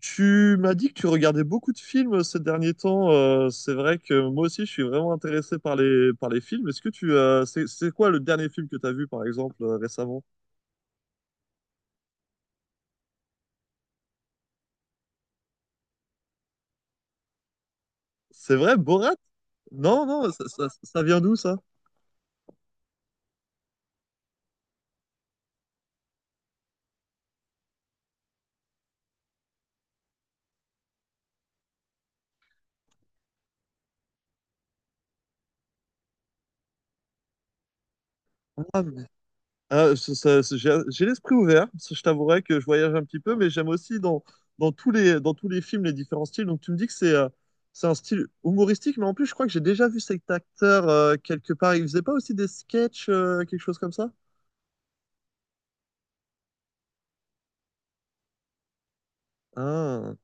Tu m'as dit que tu regardais beaucoup de films ces derniers temps. C'est vrai que moi aussi, je suis vraiment intéressé par les films. Est-ce que c'est quoi le dernier film que tu as vu, par exemple, récemment? C'est vrai, Borat? Non, non, ça vient d'où, ça? Ah, mais Ah, j'ai l'esprit ouvert. Ça, je t'avouerai que je voyage un petit peu, mais j'aime aussi dans tous les films les différents styles. Donc tu me dis que c'est un style humoristique, mais en plus je crois que j'ai déjà vu cet acteur quelque part. Il faisait pas aussi des sketchs, quelque chose comme ça? Ah,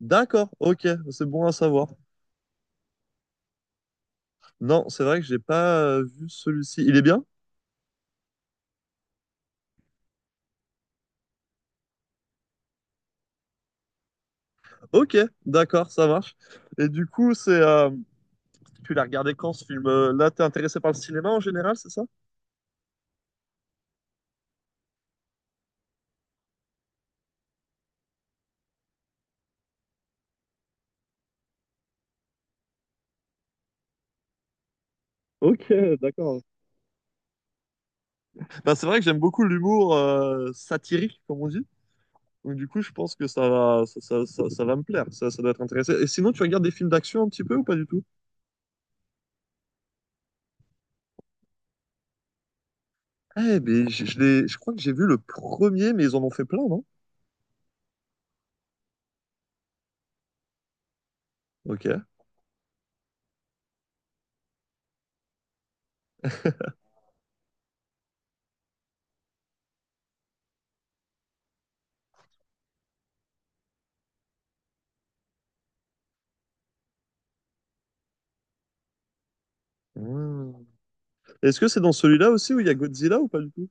d'accord, ok, c'est bon à savoir. Non, c'est vrai que j'ai pas vu celui-ci. Il est bien? Ok, d'accord, ça marche. Et du coup, c'est tu l'as regardé quand ce film? Là, t'es intéressé par le cinéma en général, c'est ça? Ok, d'accord. Bah, c'est vrai que j'aime beaucoup l'humour satirique, comme on dit. Donc, du coup, je pense que ça va me plaire. Ça doit être intéressant. Et sinon, tu regardes des films d'action un petit peu ou pas du tout? Mais je crois que j'ai vu le premier, mais ils en ont fait plein, non? Ok. Hmm. Est-ce que c'est dans celui-là aussi où il y a Godzilla ou pas du tout?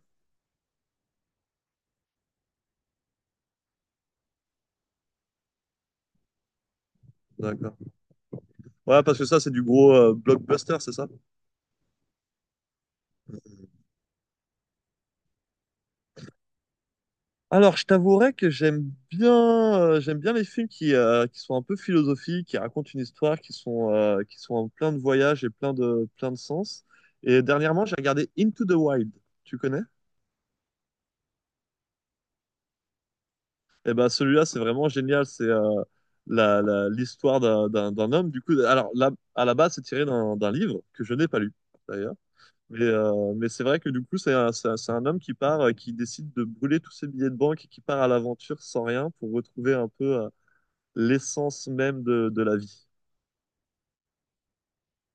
D'accord. Ouais, parce que ça, c'est du gros blockbuster, c'est ça? Alors, je t'avouerais que j'aime bien les films qui sont un peu philosophiques, qui racontent une histoire, qui sont en plein de voyages et plein de sens. Et dernièrement, j'ai regardé Into the Wild. Tu connais? Eh ben, celui-là, c'est vraiment génial. L'histoire d'un homme. Du coup, alors, là, à la base, c'est tiré d'un livre que je n'ai pas lu, d'ailleurs. Mais c'est vrai que du coup, c'est un homme qui part, qui décide de brûler tous ses billets de banque et qui part à l'aventure sans rien pour retrouver un peu l'essence même de la vie.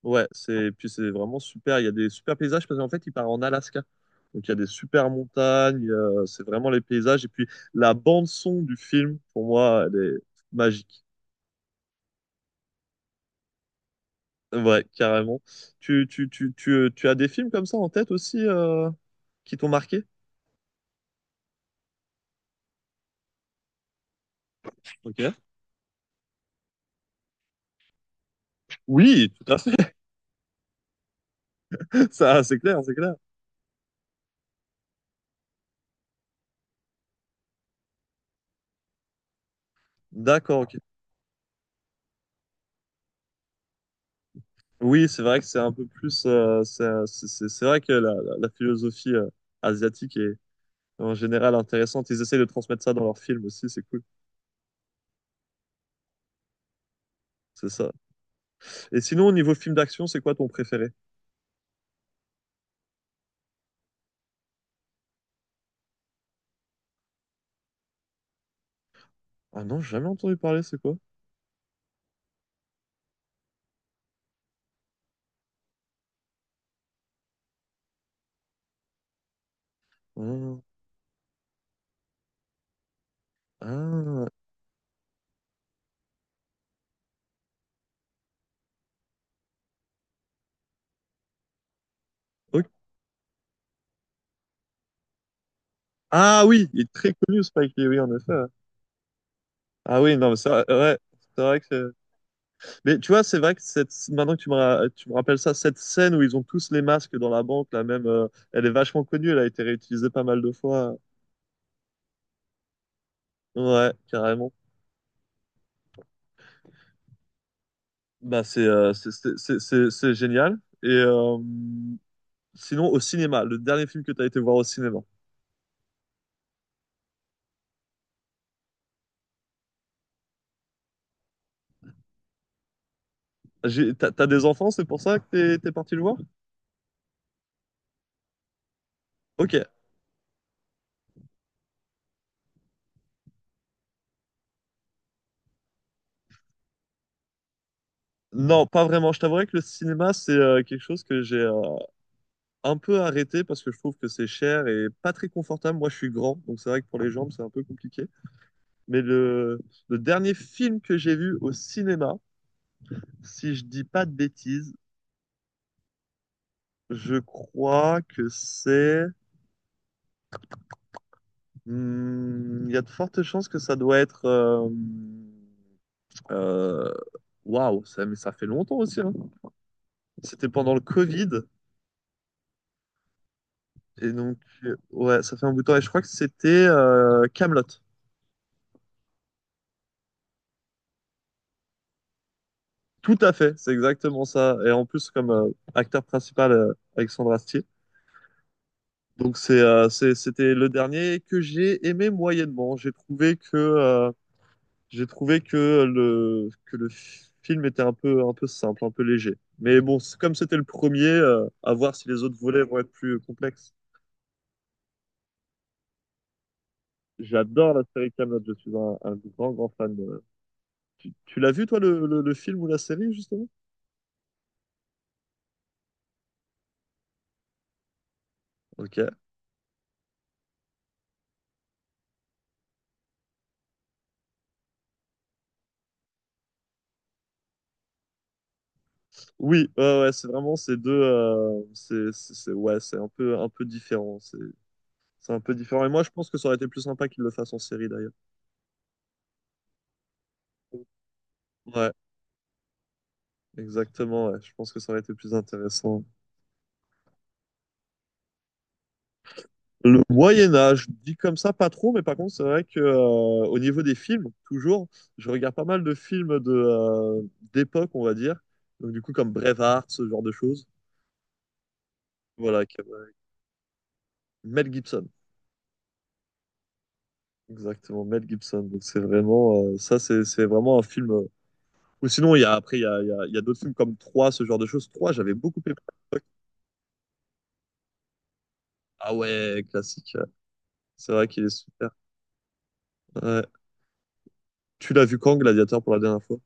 Ouais, puis c'est vraiment super. Il y a des super paysages parce qu'en fait, il part en Alaska. Donc il y a des super montagnes, c'est vraiment les paysages. Et puis la bande-son du film, pour moi, elle est magique. Ouais, carrément. Tu as des films comme ça en tête aussi qui t'ont marqué? Ok. Oui, tout à fait. Ça, c'est clair, c'est clair. D'accord, ok. Oui, c'est vrai que c'est un peu plus. C'est vrai que la philosophie asiatique est en général intéressante. Ils essayent de transmettre ça dans leurs films aussi, c'est cool. C'est ça. Et sinon, au niveau film d'action, c'est quoi ton préféré? Ah non, j'ai jamais entendu parler, c'est quoi? Ah, ah, ok. Ah oui, il est très connu Spike Lee, oui, en effet. Ouais. Ah oui, non, mais c'est vrai, ouais, c'est vrai que c'est- Mais tu vois, c'est vrai que cette, maintenant que tu me rappelles ça, cette scène où ils ont tous les masques dans la banque, la même, elle est vachement connue, elle a été réutilisée pas mal de fois. Ouais, carrément. Bah, c'est génial. Et sinon, au cinéma, le dernier film que tu as été voir au cinéma. T'as des enfants, c'est pour ça que t'es parti le voir? Ok. Non, pas vraiment. Je t'avouerai que le cinéma, c'est quelque chose que j'ai un peu arrêté parce que je trouve que c'est cher et pas très confortable. Moi, je suis grand, donc c'est vrai que pour les jambes, c'est un peu compliqué. Mais le dernier film que j'ai vu au cinéma, si je dis pas de bêtises, je crois que c'est. Hmm, il y a de fortes chances que ça doit être. euh, Waouh, ça, mais ça fait longtemps aussi. Hein. C'était pendant le Covid. Et donc, ouais, ça fait un bout de temps. Et je crois que c'était Camelot. Tout à fait, c'est exactement ça. Et en plus, comme acteur principal, Alexandre Astier. Donc, c'était le dernier que j'ai aimé moyennement. J'ai trouvé que que le film était un peu simple, un peu léger. Mais bon, comme c'était le premier, à voir si les autres volets vont être plus complexes. J'adore la série Kaamelott, je suis un grand, grand fan. Tu l'as vu, toi, le film ou la série, justement? Ok. Oui, ouais, ouais, c'est vraiment ces deux. Ouais, c'est un peu différent. C'est un peu différent. Et moi, je pense que ça aurait été plus sympa qu'ils le fassent en série, d'ailleurs. Ouais, exactement. Ouais. Je pense que ça aurait été plus intéressant. Le Moyen Âge, dit comme ça, pas trop, mais par contre, c'est vrai que au niveau des films, toujours, je regarde pas mal de films de d'époque, on va dire. Donc du coup, comme Braveheart, ce genre de choses. Voilà, comme, Mel Gibson, exactement, Mel Gibson. Donc c'est vraiment ça, c'est vraiment un film. Ou sinon, il y a d'autres films comme 3, ce genre de choses. 3, j'avais beaucoup aimé à l'époque. Ah ouais, classique. C'est vrai qu'il est super. Ouais. Tu l'as vu quand, Gladiator, pour la dernière fois?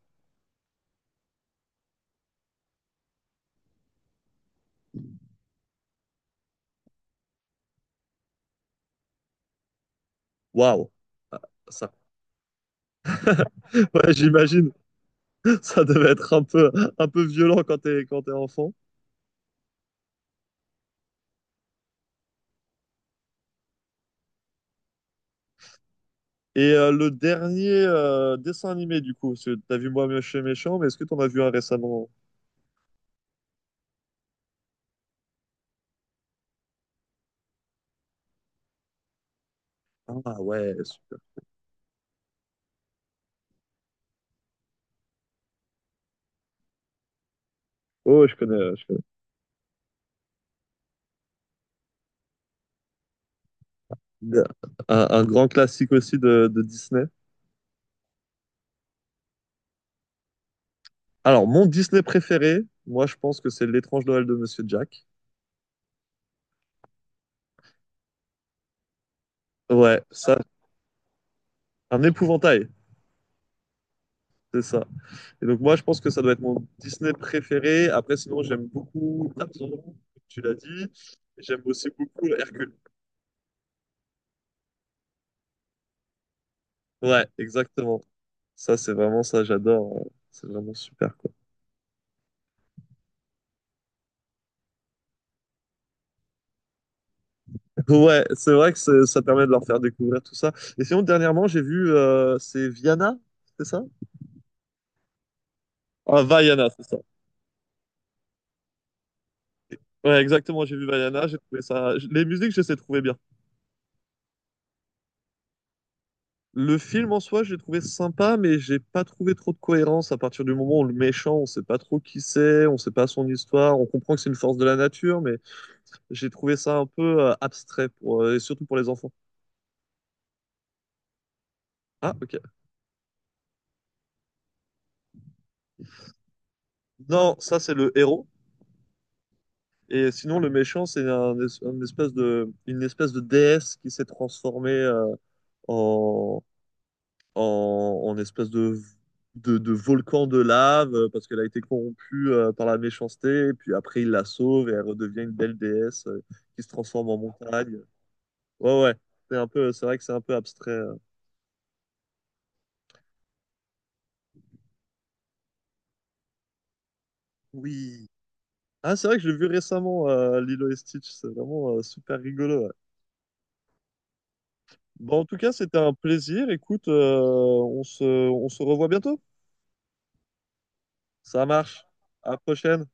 Waouh, ah, ça. Ouais, j'imagine. Ça devait être un peu violent quand t'es enfant. Et le dernier dessin animé, du coup, parce que t'as vu Moi Moche et Méchant, mais est-ce que t'en as vu un récemment? Ah ouais, super. Oh, je connais, je connais. Un grand classique aussi de Disney. Alors, mon Disney préféré, moi, je pense que c'est L'étrange Noël de Monsieur Jack. Ouais, ça, un épouvantail, c'est ça. Et donc, moi, je pense que ça doit être mon Disney préféré. Après, sinon, j'aime beaucoup Tarzan, comme tu l'as dit. J'aime aussi beaucoup Hercule. Ouais, exactement. Ça, c'est vraiment ça, j'adore. C'est vraiment super, quoi. Ouais, c'est vrai que ça permet de leur faire découvrir tout ça. Et sinon, dernièrement, j'ai vu, c'est Viana, c'est ça? Ah, Vaiana, c'est ça. Ouais, exactement, j'ai vu Vaiana, j'ai trouvé ça. Les musiques, je les ai trouvées bien. Le film en soi, j'ai trouvé sympa, mais j'ai pas trouvé trop de cohérence à partir du moment où le méchant, on sait pas trop qui c'est, on sait pas son histoire, on comprend que c'est une force de la nature, mais j'ai trouvé ça un peu abstrait pour, et surtout pour les enfants. Ah, ok. Non, ça, c'est le héros. Et sinon, le méchant, c'est un, es- un espèce de, une espèce de déesse qui s'est transformée en, en espèce de volcan de lave parce qu'elle a été corrompue par la méchanceté. Et puis après, il la sauve et elle redevient une belle déesse qui se transforme en montagne. Ouais, ouais. C'est vrai que c'est un peu abstrait. Oui. Ah, c'est vrai que j'ai vu récemment Lilo et Stitch. C'est vraiment super rigolo. Ouais. Bon, en tout cas, c'était un plaisir. Écoute, on se revoit bientôt. Ça marche. À la prochaine.